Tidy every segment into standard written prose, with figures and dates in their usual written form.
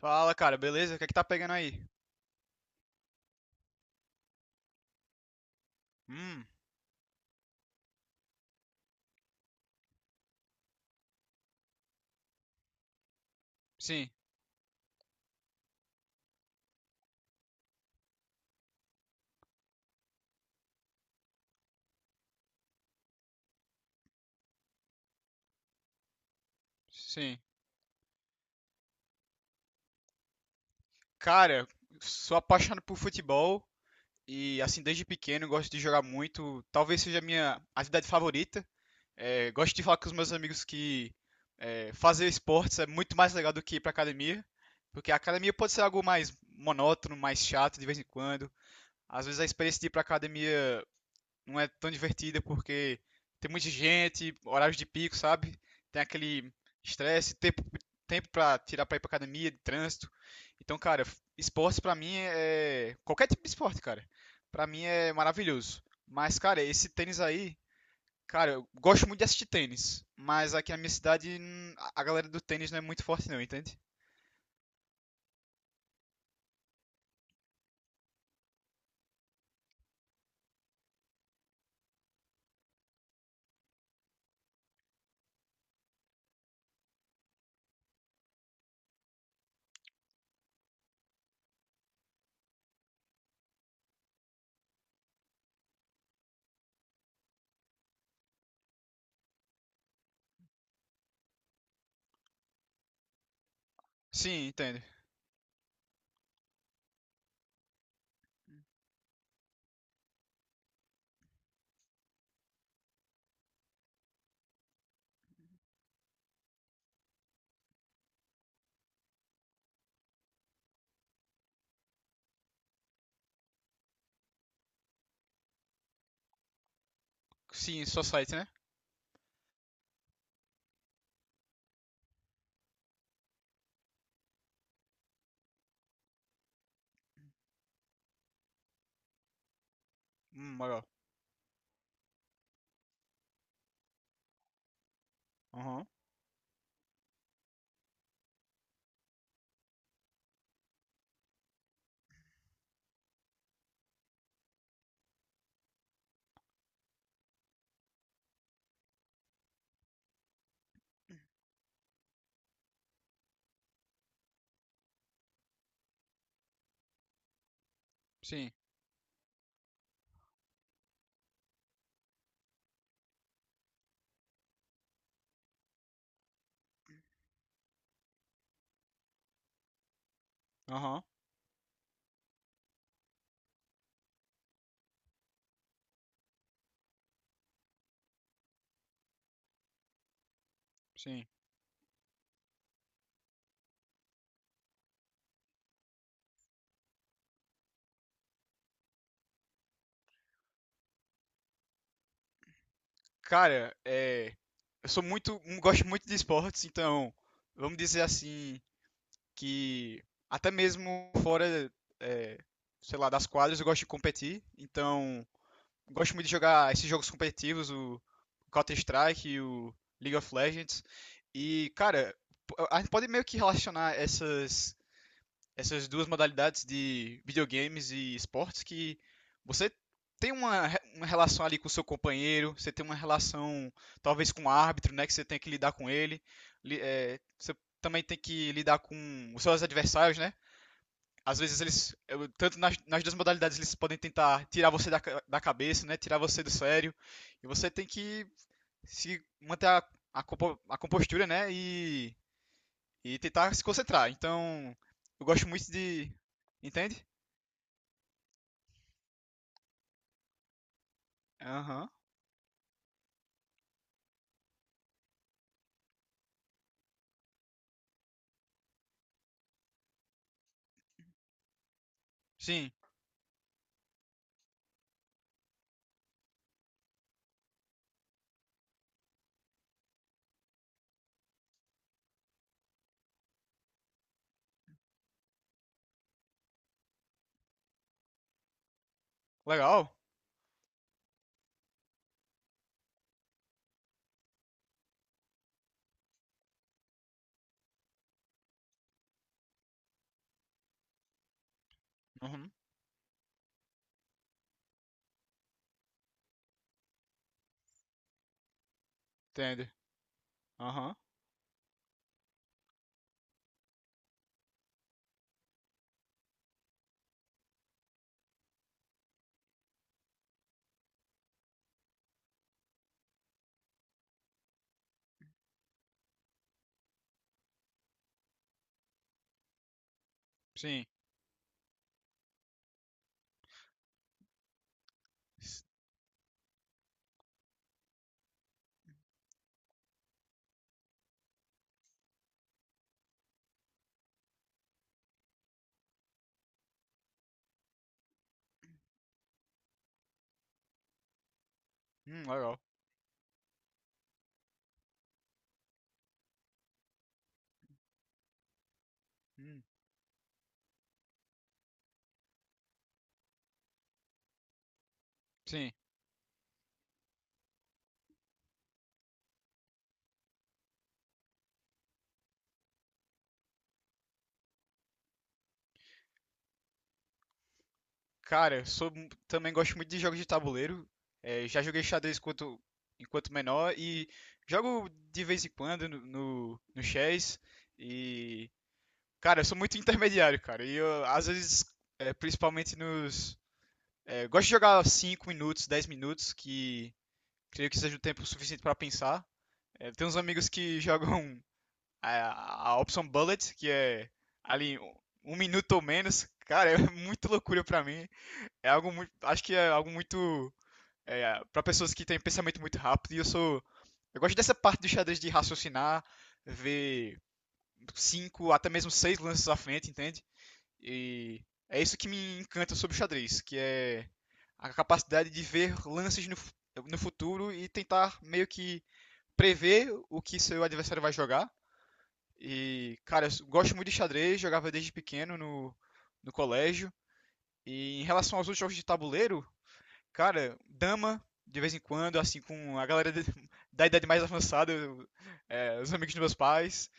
Fala, cara, beleza? O que é que tá pegando aí? Hum, sim, sim. Cara, sou apaixonado por futebol e, assim, desde pequeno gosto de jogar muito. Talvez seja a minha atividade favorita. Gosto de falar com os meus amigos que fazer esportes é muito mais legal do que ir pra academia, porque a academia pode ser algo mais monótono, mais chato de vez em quando. Às vezes a experiência de ir pra academia não é tão divertida porque tem muita gente, horários de pico, sabe? Tem aquele estresse, tempo, tempo pra tirar pra ir pra academia, de trânsito. Então, cara, esporte pra mim é qualquer tipo de esporte, cara. Pra mim é maravilhoso. Mas, cara, esse tênis aí. Cara, eu gosto muito de assistir tênis. Mas aqui na minha cidade, a galera do tênis não é muito forte, não, entende? Sim, entende. Sim, society, né? Legal. Aham. Sim. Aham. Sim. Cara, eu sou muito, gosto muito de esportes, então vamos dizer assim que até mesmo fora, é, sei lá, das quadras, eu gosto de competir. Então, gosto muito de jogar esses jogos competitivos, o Counter-Strike, e o League of Legends. E, cara, a gente pode meio que relacionar essas duas modalidades de videogames e esportes, que você tem uma, uma relação ali com o seu companheiro, você tem uma relação talvez com o árbitro, né, que você tem que lidar com ele. Você também tem que lidar com os seus adversários, né? Às vezes eles, tanto nas, nas duas modalidades, eles podem tentar tirar você da, da cabeça, né? Tirar você do sério. E você tem que se manter a, a compostura, né? E tentar se concentrar. Então, eu gosto muito de. Entende? Aham. Sim. Legal. Uhum. Entende. Aham. Sim. S- legal. Hum, Sim. Cara, eu sou, também gosto muito de jogos de tabuleiro. Já joguei xadrez enquanto menor e jogo de vez em quando no, no chess. E, cara, eu sou muito intermediário, cara. E eu, às vezes, principalmente nos. Gosto de jogar 5 minutos, 10 minutos, que creio que seja o tempo suficiente pra pensar. É, tem uns amigos que jogam a opção bullet, que é ali um, 1 minuto ou menos, cara, é muito loucura pra mim. É algo muito, acho que é algo muito para pessoas que têm pensamento muito rápido. E eu sou, eu gosto dessa parte do xadrez de raciocinar, ver 5, até mesmo 6 lances à frente, entende? E é isso que me encanta sobre o xadrez, que é a capacidade de ver lances no, no futuro e tentar meio que prever o que seu adversário vai jogar e, cara, eu gosto muito de xadrez, jogava desde pequeno no, no colégio. E em relação aos outros jogos de tabuleiro, cara, dama, de vez em quando, assim, com a galera da idade mais avançada, os amigos dos meus pais.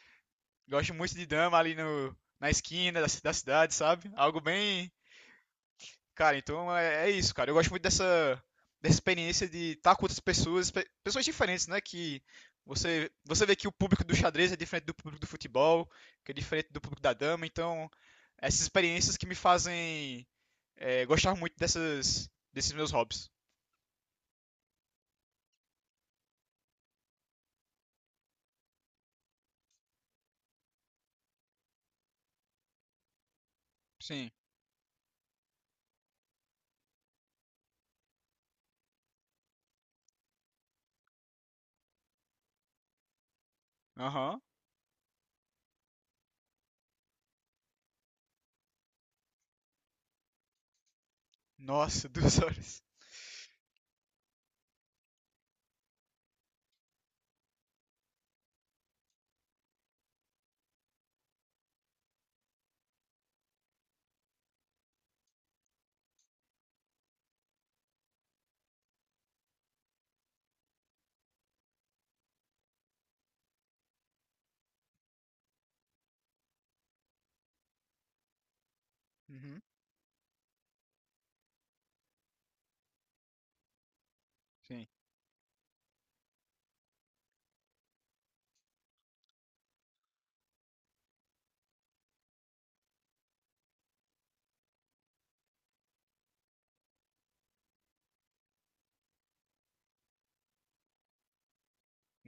Gosto muito de dama ali no, na esquina da, da cidade, sabe? Algo bem cara, então é, é isso, cara. Eu gosto muito dessa, dessa experiência de estar com outras pessoas, pessoas diferentes, né? Que você, você vê que o público do xadrez é diferente do público do futebol, que é diferente do público da dama. Então, essas experiências que me fazem gostar muito dessas, desses meus hobbies. Sim. Aham. Nossa, 2 horas. Uhum. Sim.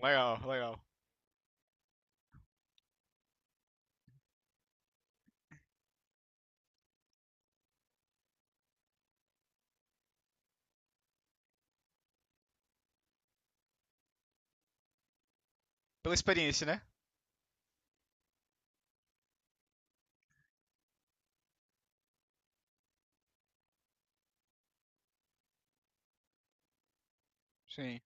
Legal, legal. Pela experiência, né? Sim.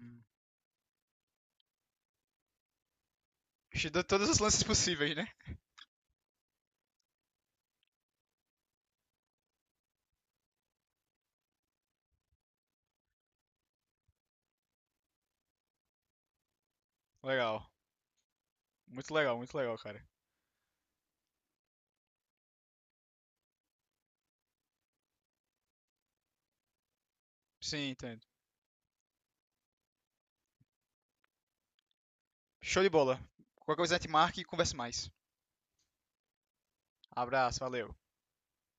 Hum. Te dou todos os lances possíveis, né? Legal. Muito legal, muito legal, cara. Sim, entendo. Show de bola. Qualquer coisa a gente marca e conversa mais. Abraço, valeu.